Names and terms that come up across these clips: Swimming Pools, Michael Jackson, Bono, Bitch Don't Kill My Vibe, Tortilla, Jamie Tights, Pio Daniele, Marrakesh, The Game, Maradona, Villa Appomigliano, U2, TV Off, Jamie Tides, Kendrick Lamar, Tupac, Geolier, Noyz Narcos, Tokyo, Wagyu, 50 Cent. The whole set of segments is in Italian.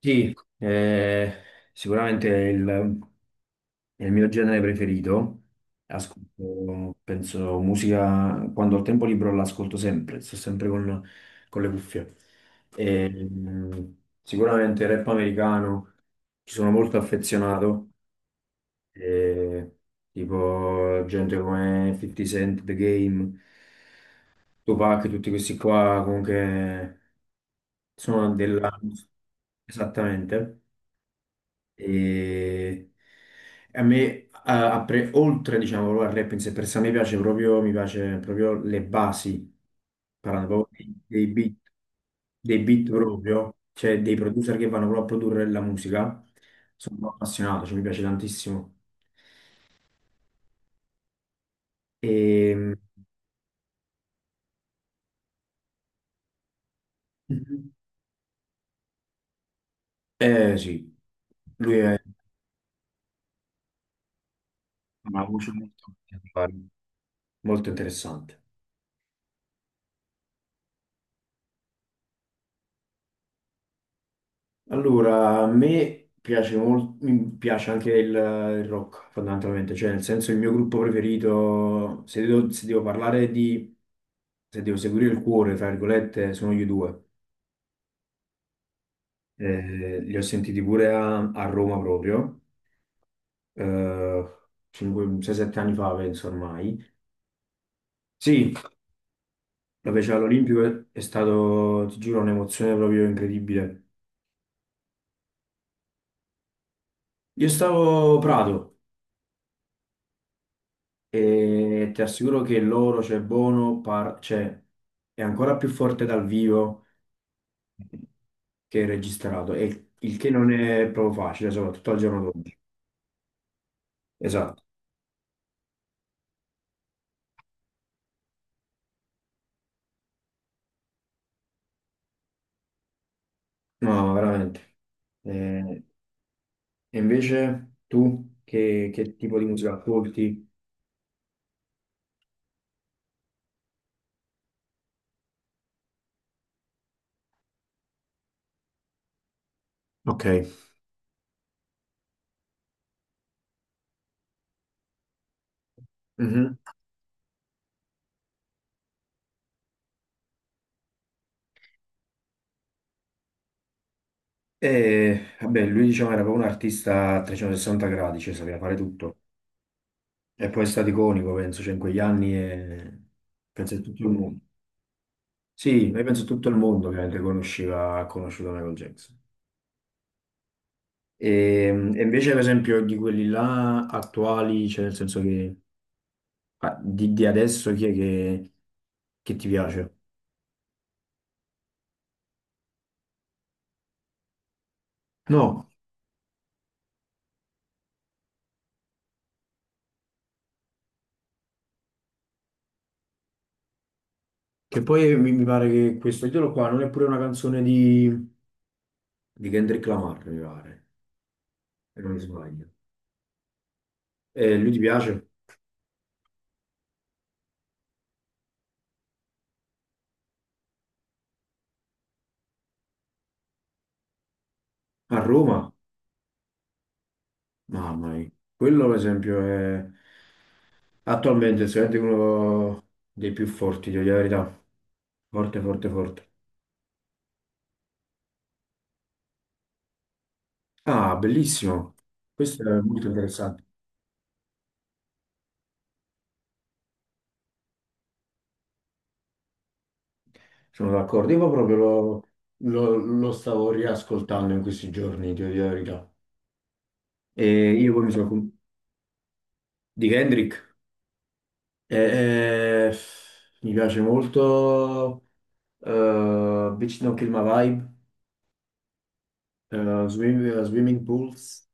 Sì, eh, sicuramente è il mio genere preferito. Ascolto, penso, musica, quando ho tempo libero l'ascolto sempre, sto sempre con le cuffie. E, sicuramente rap americano, ci sono molto affezionato, e, tipo gente come 50 Cent, The Game, Tupac, tutti questi qua, comunque sono della. Esattamente. E a me, oltre, diciamo, proprio al rap in sé per sé, a me piace proprio, mi piace proprio le basi, parlando proprio dei beat proprio, cioè dei producer che vanno proprio a produrre la musica. Sono appassionato, cioè mi piace tantissimo. E. Mhm. Eh sì, lui è una voce molto particolare, molto interessante. Allora, a me piace molto, mi piace anche il rock fondamentalmente, cioè nel senso il mio gruppo preferito, se devo parlare di, se devo seguire il cuore, tra virgolette, sono gli U2. Li ho sentiti pure a Roma proprio, eh, 6-7 anni fa penso ormai. Sì, la fece all'Olimpico, è stato, ti giuro, un'emozione proprio incredibile. Io stavo Prato. E ti assicuro che loro, cioè Bono, cioè, è ancora più forte dal vivo che registrato, e il che non è proprio facile, soprattutto al giorno d'oggi. Esatto, no, veramente. Eh, e invece tu che tipo di musica ascolti? Ok. Mhm. E vabbè, lui diciamo era proprio un artista a 360 gradi, cioè sapeva fare tutto. E poi è stato iconico, penso, cioè in quegli anni e penso che tutto il mondo. Sì, io penso tutto il mondo ovviamente conosceva, ha conosciuto Michael Jackson. E, e invece, per esempio, di quelli là attuali, cioè nel senso che di adesso chi è che ti piace? No, che poi mi pare che questo titolo qua non è pure una canzone di Kendrick Lamar, mi pare, se non mi sbaglio. E lui ti piace? A Roma? Mamma mia, quello per esempio è attualmente sicuramente uno dei più forti, devo dire la verità. Forte, forte, forte. Ah, bellissimo. Questo è molto interessante. Sono d'accordo. Io proprio lo stavo riascoltando in questi giorni, ti dico la verità. E io poi mi sono, di Kendrick. E, eh, mi piace molto Bitch Don't Kill My Vibe, Swimming Pools.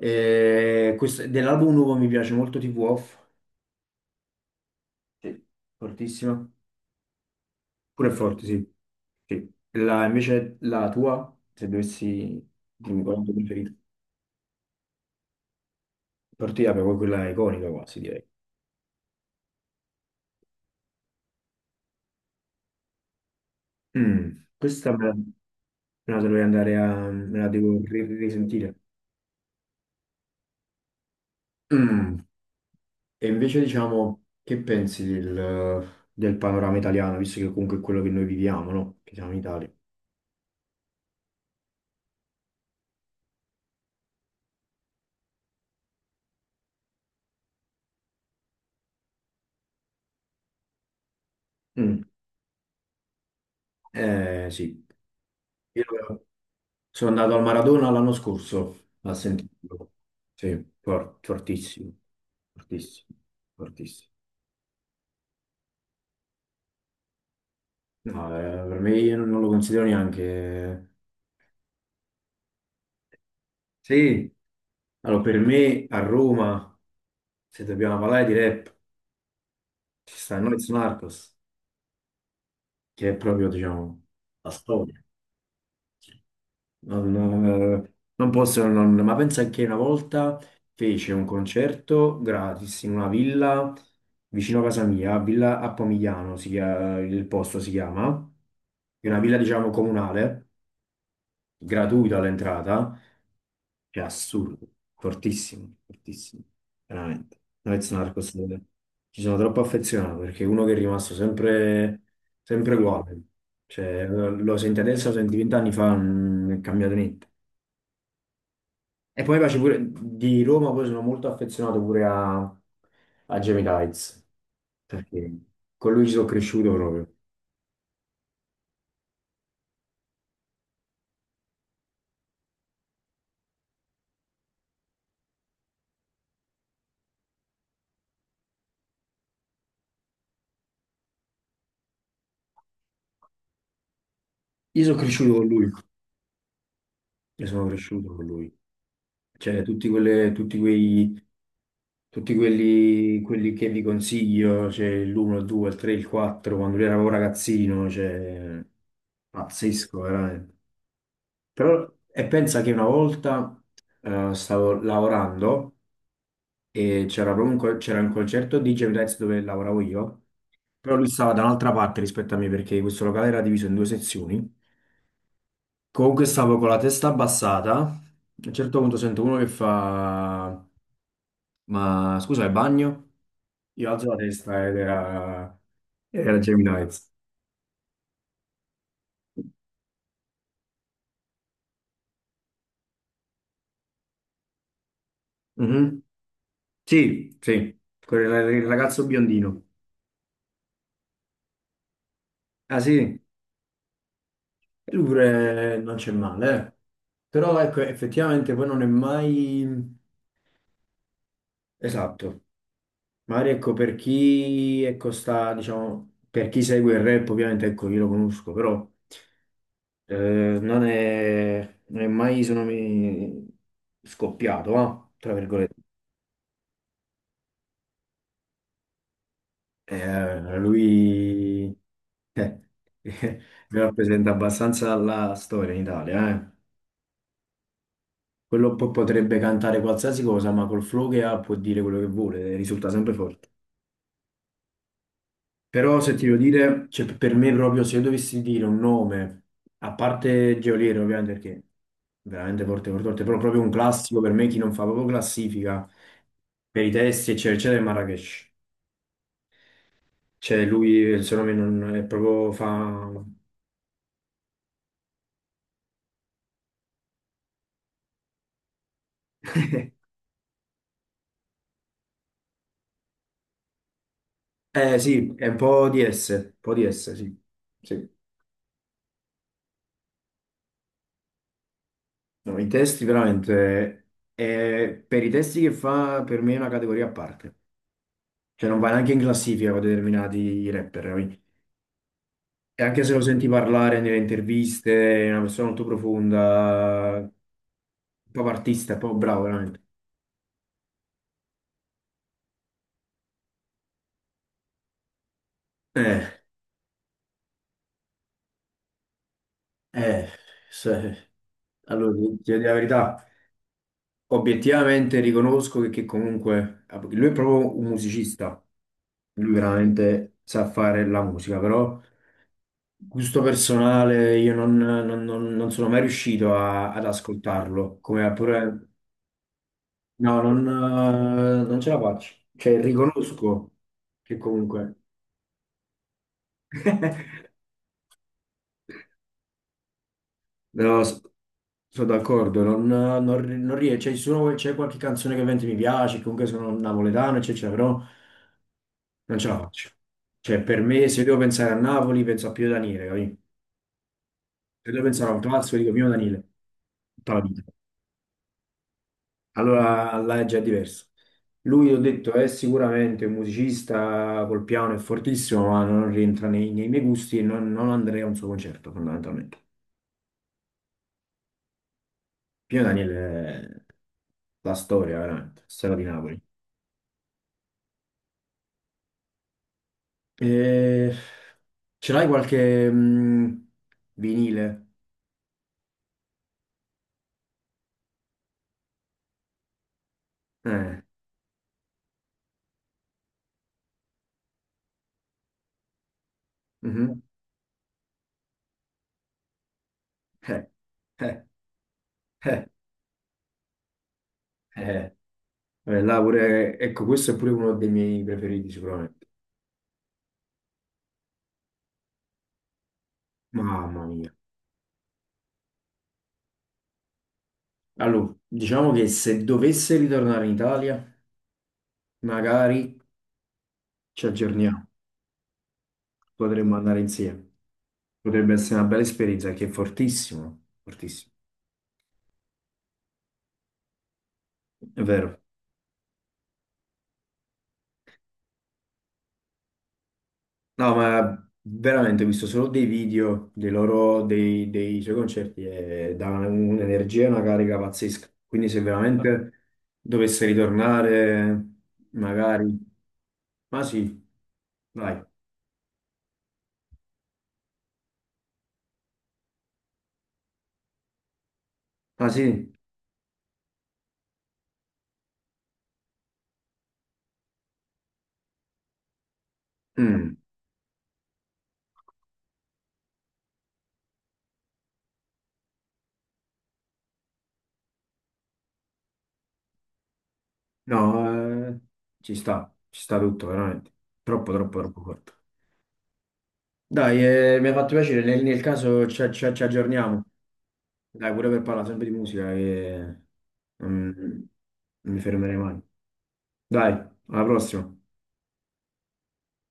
Dell'album nuovo mi piace molto TV Off. Sì. Fortissima. Pure forte, sì. Sì. Invece la tua, se dovessi dirmi qual è il tuo preferito. Tortilla proprio quella iconica quasi, direi. Questa me la dovrei andare a, me la devo risentire. Mm, E invece diciamo, che pensi del panorama italiano, visto che comunque è quello che noi viviamo, no? Che siamo in Italia. Mm, sì. Io- Sono andato al Maradona l'anno scorso a sentirlo. Sì, fortissimo, fortissimo, fortissimo. No, per me io non lo considero neanche. Sì, allora per me a Roma, se dobbiamo parlare di rap, ci sta Noyz Narcos, che è proprio, diciamo, la storia. Non, non posso non, ma pensa che una volta fece un concerto gratis in una villa vicino a casa mia, Villa Appomigliano, il posto si chiama, è una villa diciamo comunale, gratuita all'entrata, è assurdo, fortissimo, fortissimo, veramente. Noyz Narcos, ci sono troppo affezionato perché è uno che è rimasto sempre, sempre uguale, cioè, lo senti adesso, lo senti vent'anni fa, non è cambiato niente. E poi mi piace pure di Roma, poi sono molto affezionato pure a Jamie Tides, perché con lui ci sono cresciuto proprio. Io sono cresciuto con lui, io sono cresciuto con lui. Cioè, tutti, quelle, tutti, quei, tutti quelli, quelli che vi consiglio, cioè l'1, il 2, il 3, il 4, quando lui era proprio ragazzino, cioè, pazzesco, veramente. Però, e pensa che una volta stavo lavorando. E c'era proprio c'era un concerto di Jamie Tights dove lavoravo io, però lui stava da un'altra parte rispetto a me perché questo locale era diviso in due sezioni. Comunque stavo con la testa abbassata, a un certo punto sento uno che fa ma scusa, è bagno? Io alzo la testa ed era Jamie Tights. Mhm. Sì, sì, il ragazzo biondino. Ah sì, e lui pure non c'è male, eh. Però ecco, effettivamente poi non è mai. Esatto, Mario, ecco, per chi ecco, sta, diciamo, per chi segue il rap, ovviamente, ecco, io lo conosco, però non è mai, sono mai scoppiato, va, tra virgolette. Lui eh, rappresenta abbastanza la storia in Italia, eh. Quello potrebbe cantare qualsiasi cosa, ma col flow che ha può dire quello che vuole, risulta sempre forte. Però se ti devo dire, cioè, per me proprio se io dovessi dire un nome, a parte Geolier ovviamente perché è veramente forte, forte, forte, però proprio un classico per me chi non fa proprio classifica per i testi eccetera eccetera è Marrakesh. Cioè lui il suo nome non è proprio fa. Eh sì, è un po' di S, un po' di S, sì. Sì. No, i testi veramente, per i testi che fa per me è una categoria a parte. Cioè non va neanche in classifica con determinati rapper. E anche se lo senti parlare nelle interviste, è una persona molto profonda, proprio artista, proprio bravo, veramente. Eh, eh, se- allora, ti dico la verità, obiettivamente riconosco che comunque lui è proprio un musicista, lui veramente sa fare la musica, però gusto personale io non sono mai riuscito ad ascoltarlo, come a pure. No, non ce la faccio, cioè riconosco che comunque. No, sono d'accordo, non, non, non rie- c'è qualche canzone che ovviamente mi piace, comunque sono napoletano, eccetera, però non ce la faccio. Cioè, per me, se devo pensare a Napoli, penso a Pio Daniele, capì? Se devo pensare a un classico, dico Pio Daniele, tutta la vita. Allora là è già diverso. Lui, ho detto, è sicuramente un musicista col piano, è fortissimo, ma non rientra nei miei gusti e non andrei a un suo concerto, fondamentalmente. Pio Daniele è la storia, veramente, storia di Napoli. Eh, Ce l'hai qualche vinile? Eh, mhm. Eh, eh, eh, eh. Là ecco, questo è pure uno dei miei preferiti sicuramente. Mamma mia. Allora, diciamo che se dovesse ritornare in Italia, magari ci aggiorniamo, potremmo andare insieme. Potrebbe essere una bella esperienza, che è fortissimo, fortissimo. È vero. No, ma veramente ho visto solo dei video dei suoi concerti e dà un'energia e una carica pazzesca. Quindi se veramente dovesse ritornare, magari. Ma sì, dai. Ma sì? Mm. No, ci sta tutto, veramente. Troppo, troppo, troppo forte. Dai, mi ha fatto piacere, nel caso ci aggiorniamo. Dai, pure per parlare sempre di musica, che non non mi fermerei mai. Dai, alla prossima.